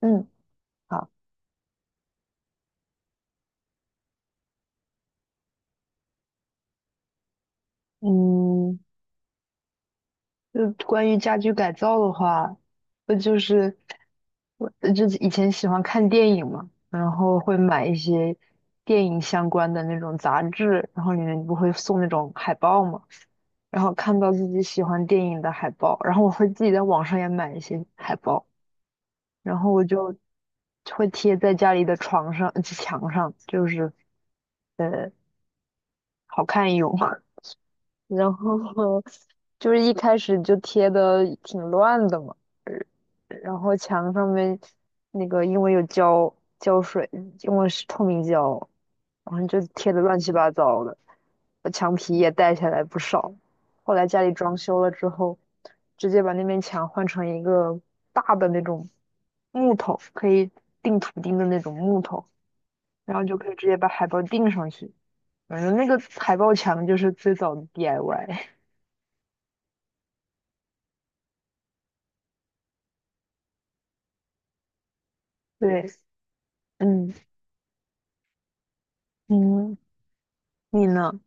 嗯，好，嗯，就关于家居改造的话，就是我以前喜欢看电影嘛，然后会买一些电影相关的那种杂志，然后里面不会送那种海报嘛，然后看到自己喜欢电影的海报，然后我会自己在网上也买一些海报，然后我就会贴在家里的床上、墙上，就是呃，好看一用。然后就是一开始就贴的挺乱的嘛，呃然后墙上面那个因为有胶水，因为是透明胶，然后就贴的乱七八糟的，墙皮也带下来不少。后来家里装修了之后，直接把那面墙换成一个大的那种木头，可以钉图钉的那种木头，然后就可以直接把海报钉上去。反正那个海报墙就是最早的 DIY。对，嗯嗯，你呢？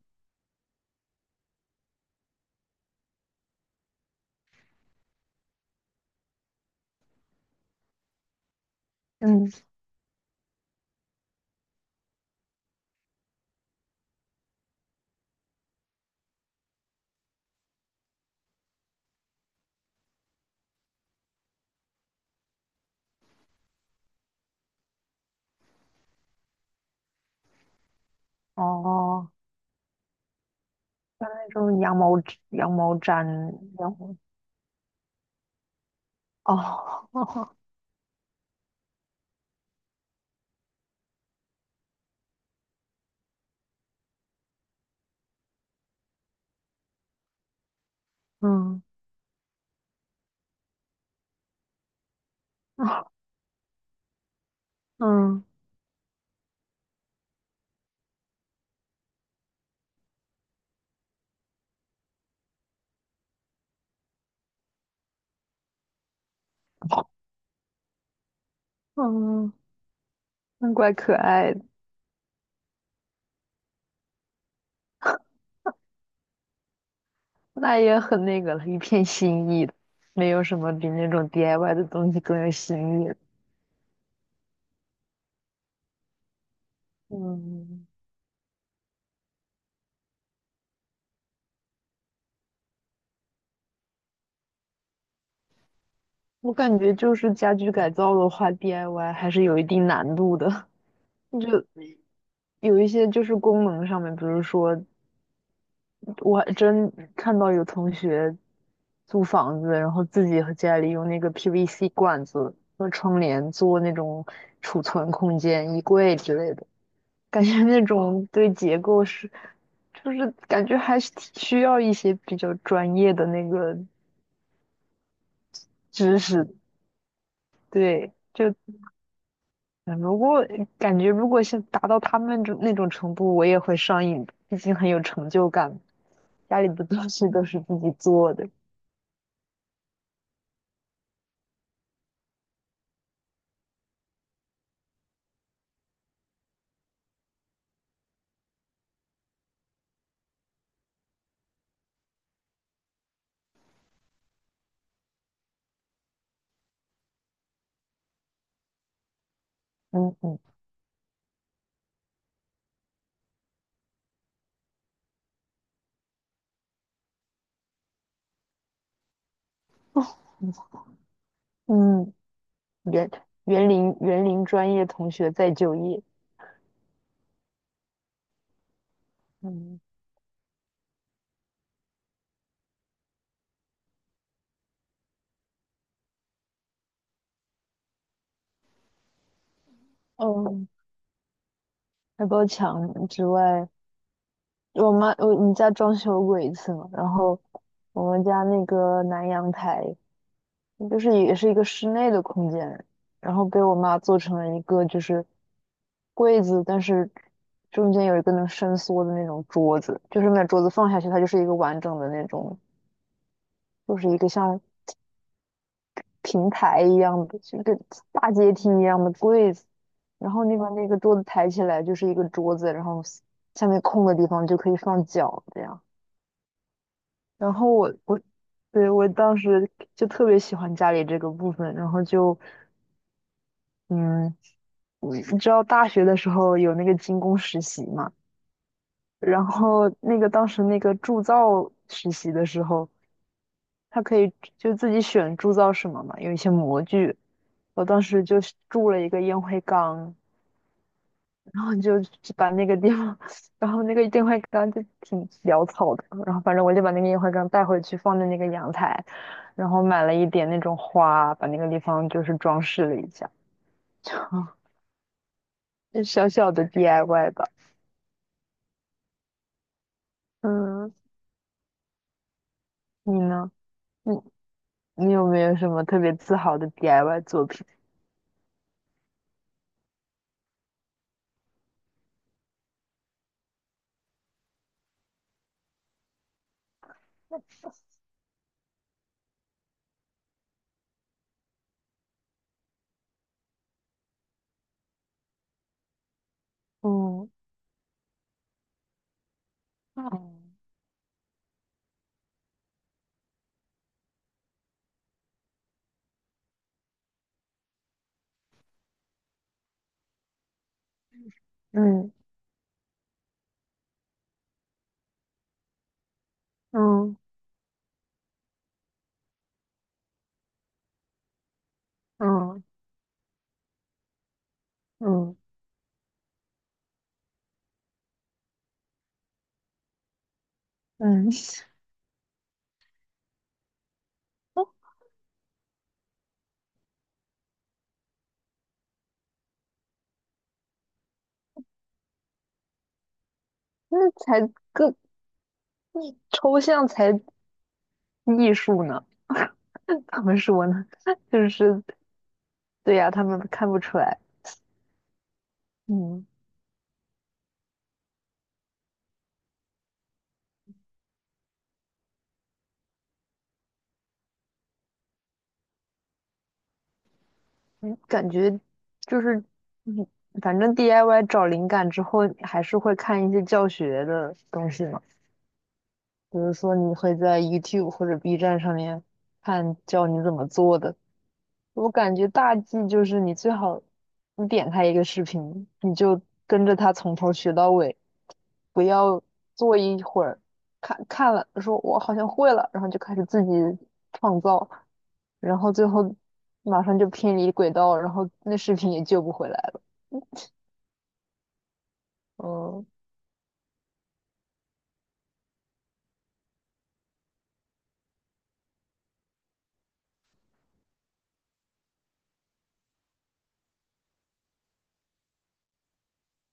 嗯，哦，像那种羊毛毡，然后哦，嗯嗯嗯，那怪可爱的，那也很那个了，一片心意的，没有什么比那种 DIY 的东西更有新意的。嗯，我感觉就是家居改造的话，DIY 还是有一定难度的，就有一些就是功能上面，比如说。我还真看到有同学租房子，然后自己和家里用那个 PVC 管子和窗帘做那种储存空间、衣柜之类的，感觉那种对结构是，就是感觉还是挺需要一些比较专业的那个知识。对，就嗯如果感觉如果是达到他们这那种程度，我也会上瘾的毕竟很有成就感。家里的东西都是自己做的，嗯嗯。嗯，园园林专业同学再就业。嗯，哦，外包墙之外，我妈我们家装修过一次嘛，然后我们家那个南阳台就是也是一个室内的空间，然后被我妈做成了一个就是柜子，但是中间有一个能伸缩的那种桌子，就是那桌子放下去它就是一个完整的那种，就是一个像平台一样的，就跟大阶梯一样的柜子，然后你把那个桌子抬起来就是一个桌子，然后下面空的地方就可以放脚这样。然后我对我当时就特别喜欢家里这个部分，然后就嗯，你知道大学的时候有那个精工实习嘛，然后那个当时那个铸造实习的时候，他可以就自己选铸造什么嘛，有一些模具。我当时就是铸了一个烟灰缸，然后你就去把那个地方，然后那个电话缸就挺潦草的，然后反正我就把那个电饭缸带回去放在那个阳台，然后买了一点那种花，把那个地方就是装饰了一下，就小小的 DIY 吧。嗯，你呢？你你有没有什么特别自豪的 DIY 作品？嗯嗯嗯嗯嗯嗯嗯，那才更抽象才艺术呢。他们说呢，就是对呀、他们看不出来。嗯，嗯感觉就是，嗯反正 DIY 找灵感之后，还是会看一些教学的东西嘛。比如说，你会在 YouTube 或者 B 站上面看教你怎么做的，我感觉大忌就是你最好，你点开一个视频，你就跟着他从头学到尾，不要坐一会儿，看看了说我好像会了，然后就开始自己创造，然后最后马上就偏离轨道，然后那视频也救不回来了。嗯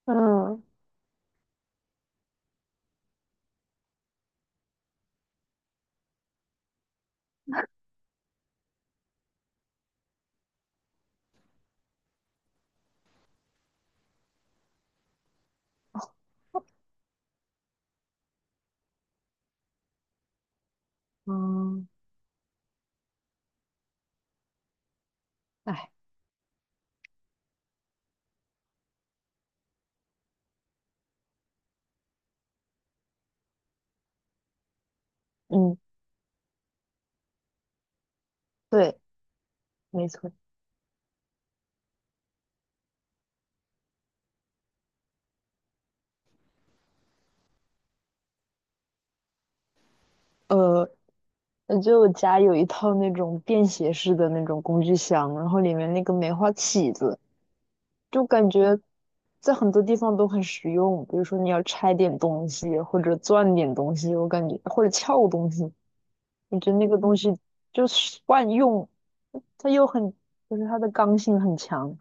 嗯嗯，哎，嗯，对，没错。呃，就我家有一套那种便携式的那种工具箱，然后里面那个梅花起子。就感觉在很多地方都很实用，比如说你要拆点东西，或者钻点东西，我感觉或者撬东西，我觉得那个东西就是万用，它又很就是它的刚性很强，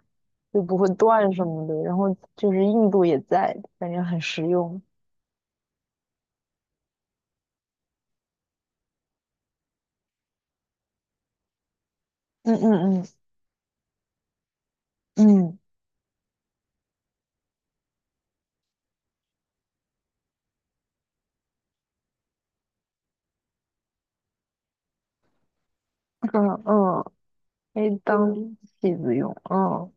就不会断什么的，然后就是硬度也在，感觉很实用。嗯嗯嗯嗯嗯嗯，可以当嗯，器子用，嗯。